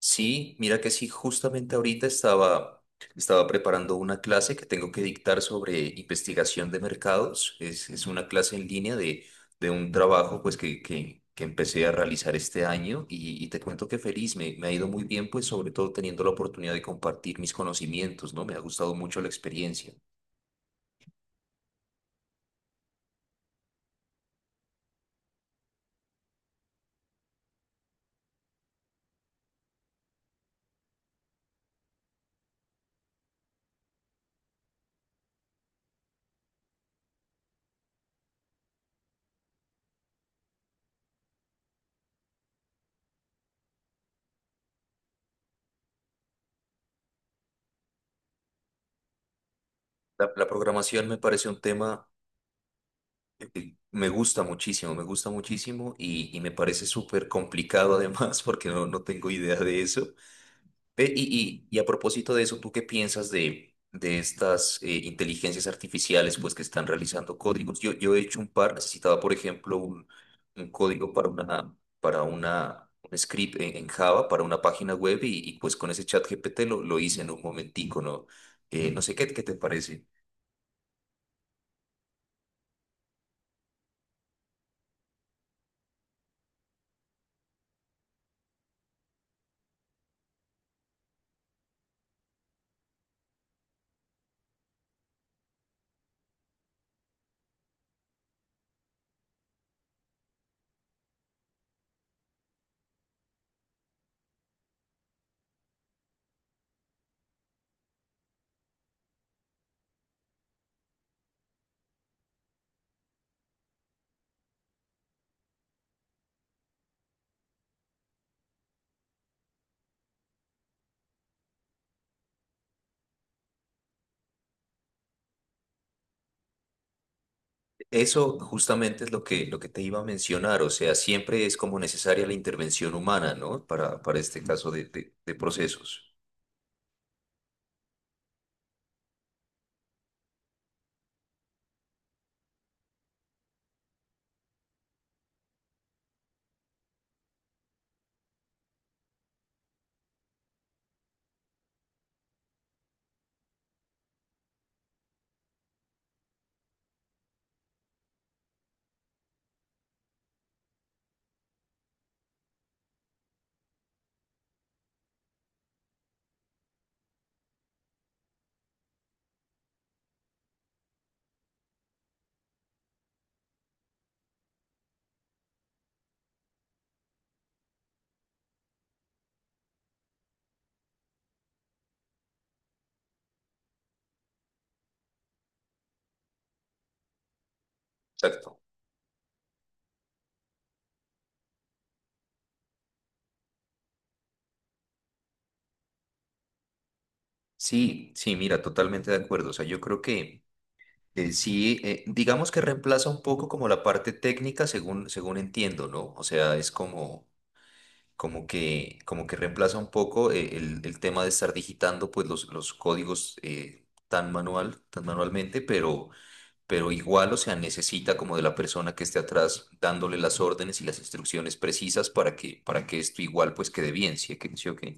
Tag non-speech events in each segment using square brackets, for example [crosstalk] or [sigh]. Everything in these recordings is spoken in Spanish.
Sí, mira que sí, justamente ahorita estaba preparando una clase que tengo que dictar sobre investigación de mercados. Es una clase en línea de un trabajo pues que empecé a realizar este año y te cuento que feliz, me ha ido muy bien pues sobre todo teniendo la oportunidad de compartir mis conocimientos, ¿no? Me ha gustado mucho la experiencia. La programación me parece un tema que me gusta muchísimo y me parece súper complicado además [laughs] porque no tengo idea de eso. Ve, y a propósito de eso, ¿tú qué piensas de estas inteligencias artificiales pues, que están realizando códigos? Yo he hecho un par, necesitaba, por ejemplo, un código para una, un script en Java, para una página web, y, pues con ese chat GPT lo hice en un momentico, ¿no? No sé qué, qué te parece. Eso justamente es lo que te iba a mencionar, o sea, siempre es como necesaria la intervención humana, ¿no? Para este caso de procesos. Exacto. Sí, sí, mira, totalmente de acuerdo. O sea, yo creo que sí, digamos que reemplaza un poco como la parte técnica, según, según entiendo, ¿no? O sea, es como, como que reemplaza un poco el tema de estar digitando pues los códigos tan manual, tan manualmente, pero igual, o sea, necesita como de la persona que esté atrás dándole las órdenes y las instrucciones precisas para que esto igual pues quede bien, ¿sí? ¿o qué? ¿Sí o qué?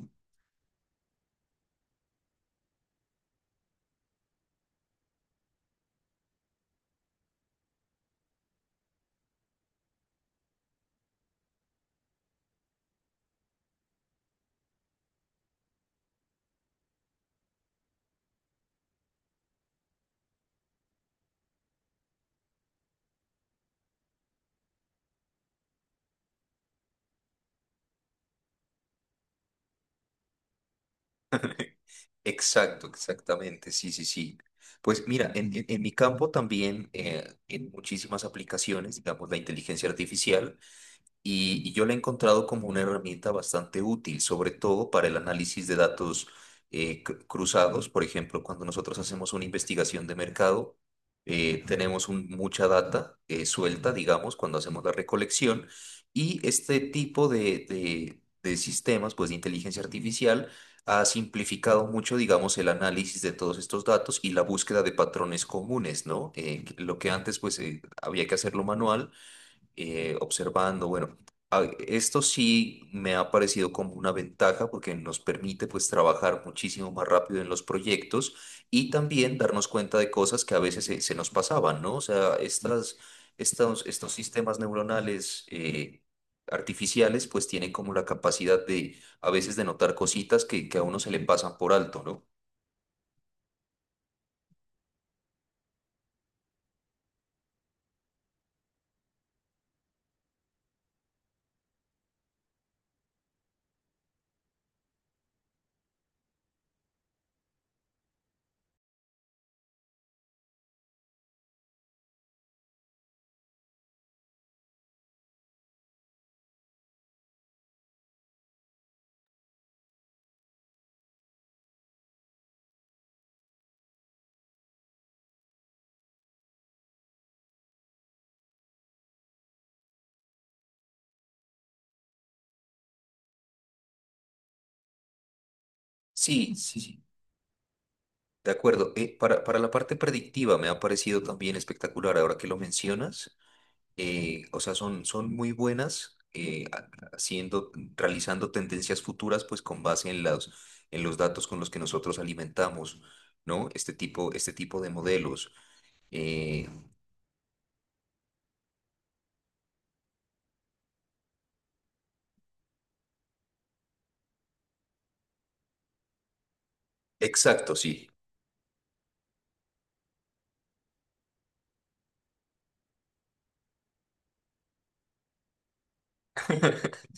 [laughs] Exacto, exactamente, sí, sí, sí. Pues mira, en mi campo también, en muchísimas aplicaciones, digamos, la inteligencia artificial y yo la he encontrado como una herramienta bastante útil, sobre todo para el análisis de datos cruzados. Por ejemplo, cuando nosotros hacemos una investigación de mercado, tenemos un- mucha data suelta, digamos, cuando hacemos la recolección. Y este tipo de sistemas, pues de inteligencia artificial, ha simplificado mucho, digamos, el análisis de todos estos datos y la búsqueda de patrones comunes, ¿no? Lo que antes, pues, había que hacerlo manual observando, bueno, a- esto sí me ha parecido como una ventaja porque nos permite pues trabajar muchísimo más rápido en los proyectos y también darnos cuenta de cosas que a veces se, se nos pasaban, ¿no? O sea, estas, estos sistemas neuronales artificiales pues tienen como la capacidad de a veces de notar cositas que a uno se le pasan por alto, ¿no? Sí, sí, sí. De acuerdo. Para la parte predictiva me ha parecido también espectacular ahora que lo mencionas. O sea, son, son muy buenas haciendo, realizando tendencias futuras, pues con base en los datos con los que nosotros alimentamos, ¿no? Este tipo de modelos. Eh, exacto, sí. [laughs]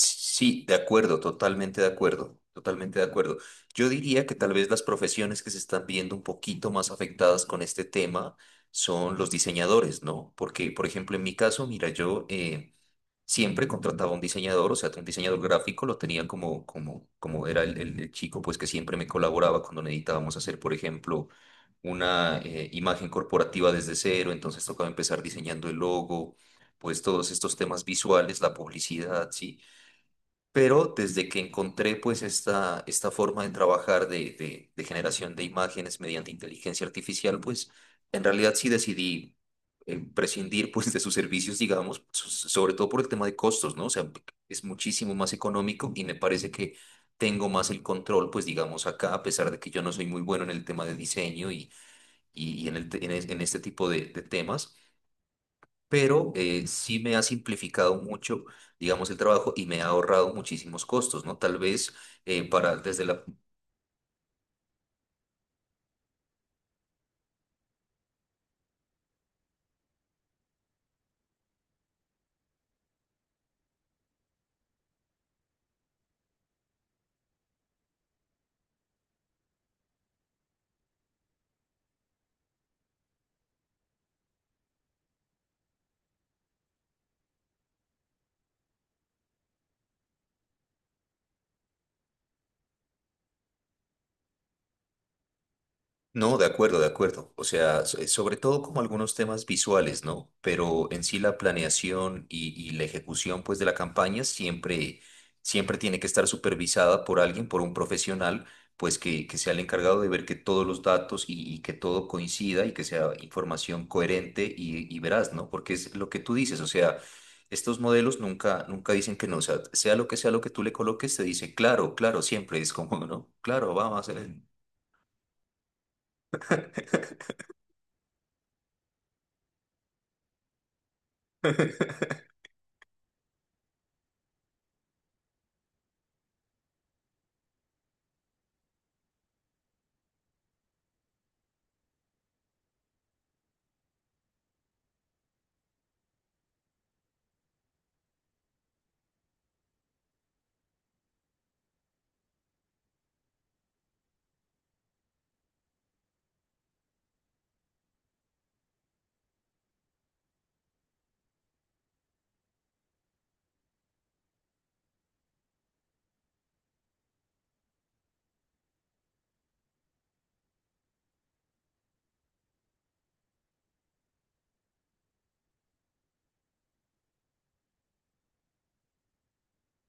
Sí, de acuerdo, totalmente de acuerdo, totalmente de acuerdo. Yo diría que tal vez las profesiones que se están viendo un poquito más afectadas con este tema son los diseñadores, ¿no? Porque, por ejemplo, en mi caso, mira, yo... siempre contrataba un diseñador, o sea, un diseñador gráfico lo tenía como, como, como era el chico, pues que siempre me colaboraba cuando necesitábamos hacer, por ejemplo, una imagen corporativa desde cero, entonces tocaba empezar diseñando el logo, pues todos estos temas visuales, la publicidad, sí. Pero desde que encontré pues esta forma de trabajar de generación de imágenes mediante inteligencia artificial, pues en realidad sí decidí prescindir pues de sus servicios, digamos, so- sobre todo por el tema de costos, ¿no? O sea, es muchísimo más económico y me parece que tengo más el control, pues digamos acá, a pesar de que yo no soy muy bueno en el tema de diseño y en el, te- en es- en este tipo de temas pero sí me ha simplificado mucho, digamos, el trabajo y me ha ahorrado muchísimos costos, ¿no? Tal vez para desde la no, de acuerdo, de acuerdo. O sea, so- sobre todo como algunos temas visuales, ¿no? Pero en sí la planeación y la ejecución, pues, de la campaña siempre, siempre tiene que estar supervisada por alguien, por un profesional, pues, que sea el encargado de ver que todos los datos y que todo coincida y que sea información coherente y veraz, ¿no? Porque es lo que tú dices, o sea, estos modelos nunca, nunca dicen que no, o sea, sea lo que tú le coloques, te dice, claro, claro, siempre es como, ¿no? Claro, vamos a hacer.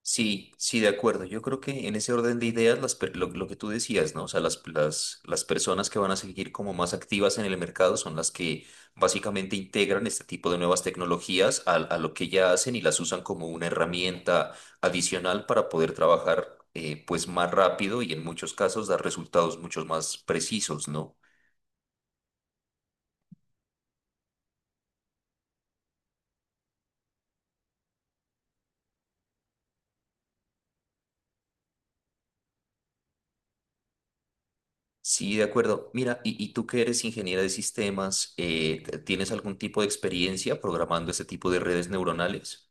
Sí, sí, de acuerdo. Yo creo que en ese orden de ideas, las, per- lo que tú decías, ¿no? O sea, las personas que van a seguir como más activas en el mercado son las que básicamente integran este tipo de nuevas tecnologías a lo que ya hacen y las usan como una herramienta adicional para poder trabajar pues más rápido y en muchos casos dar resultados mucho más precisos, ¿no? Sí, de acuerdo. Mira, y tú que eres ingeniera de sistemas, ¿tienes algún tipo de experiencia programando este tipo de redes neuronales?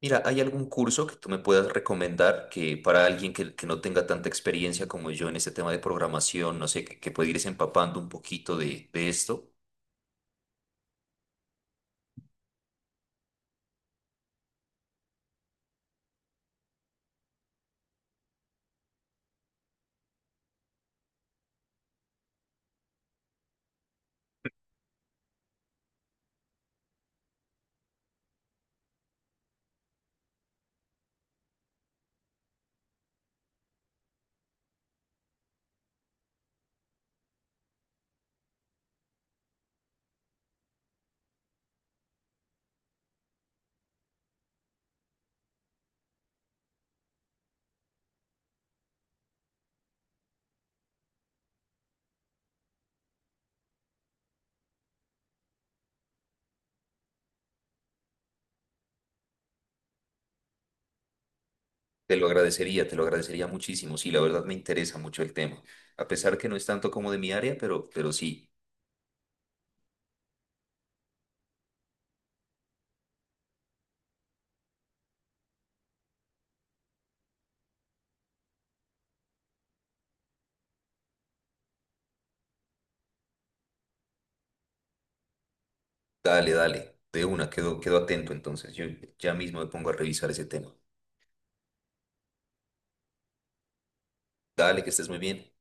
Mira, ¿hay algún curso que tú me puedas recomendar que para alguien que no tenga tanta experiencia como yo en este tema de programación, no sé, que pueda irse empapando un poquito de esto? Te lo agradecería muchísimo. Sí, la verdad me interesa mucho el tema. A pesar que no es tanto como de mi área, pero sí, dale, dale. De una, quedo, quedo atento entonces. Yo ya mismo me pongo a revisar ese tema. Dale, que estés muy bien.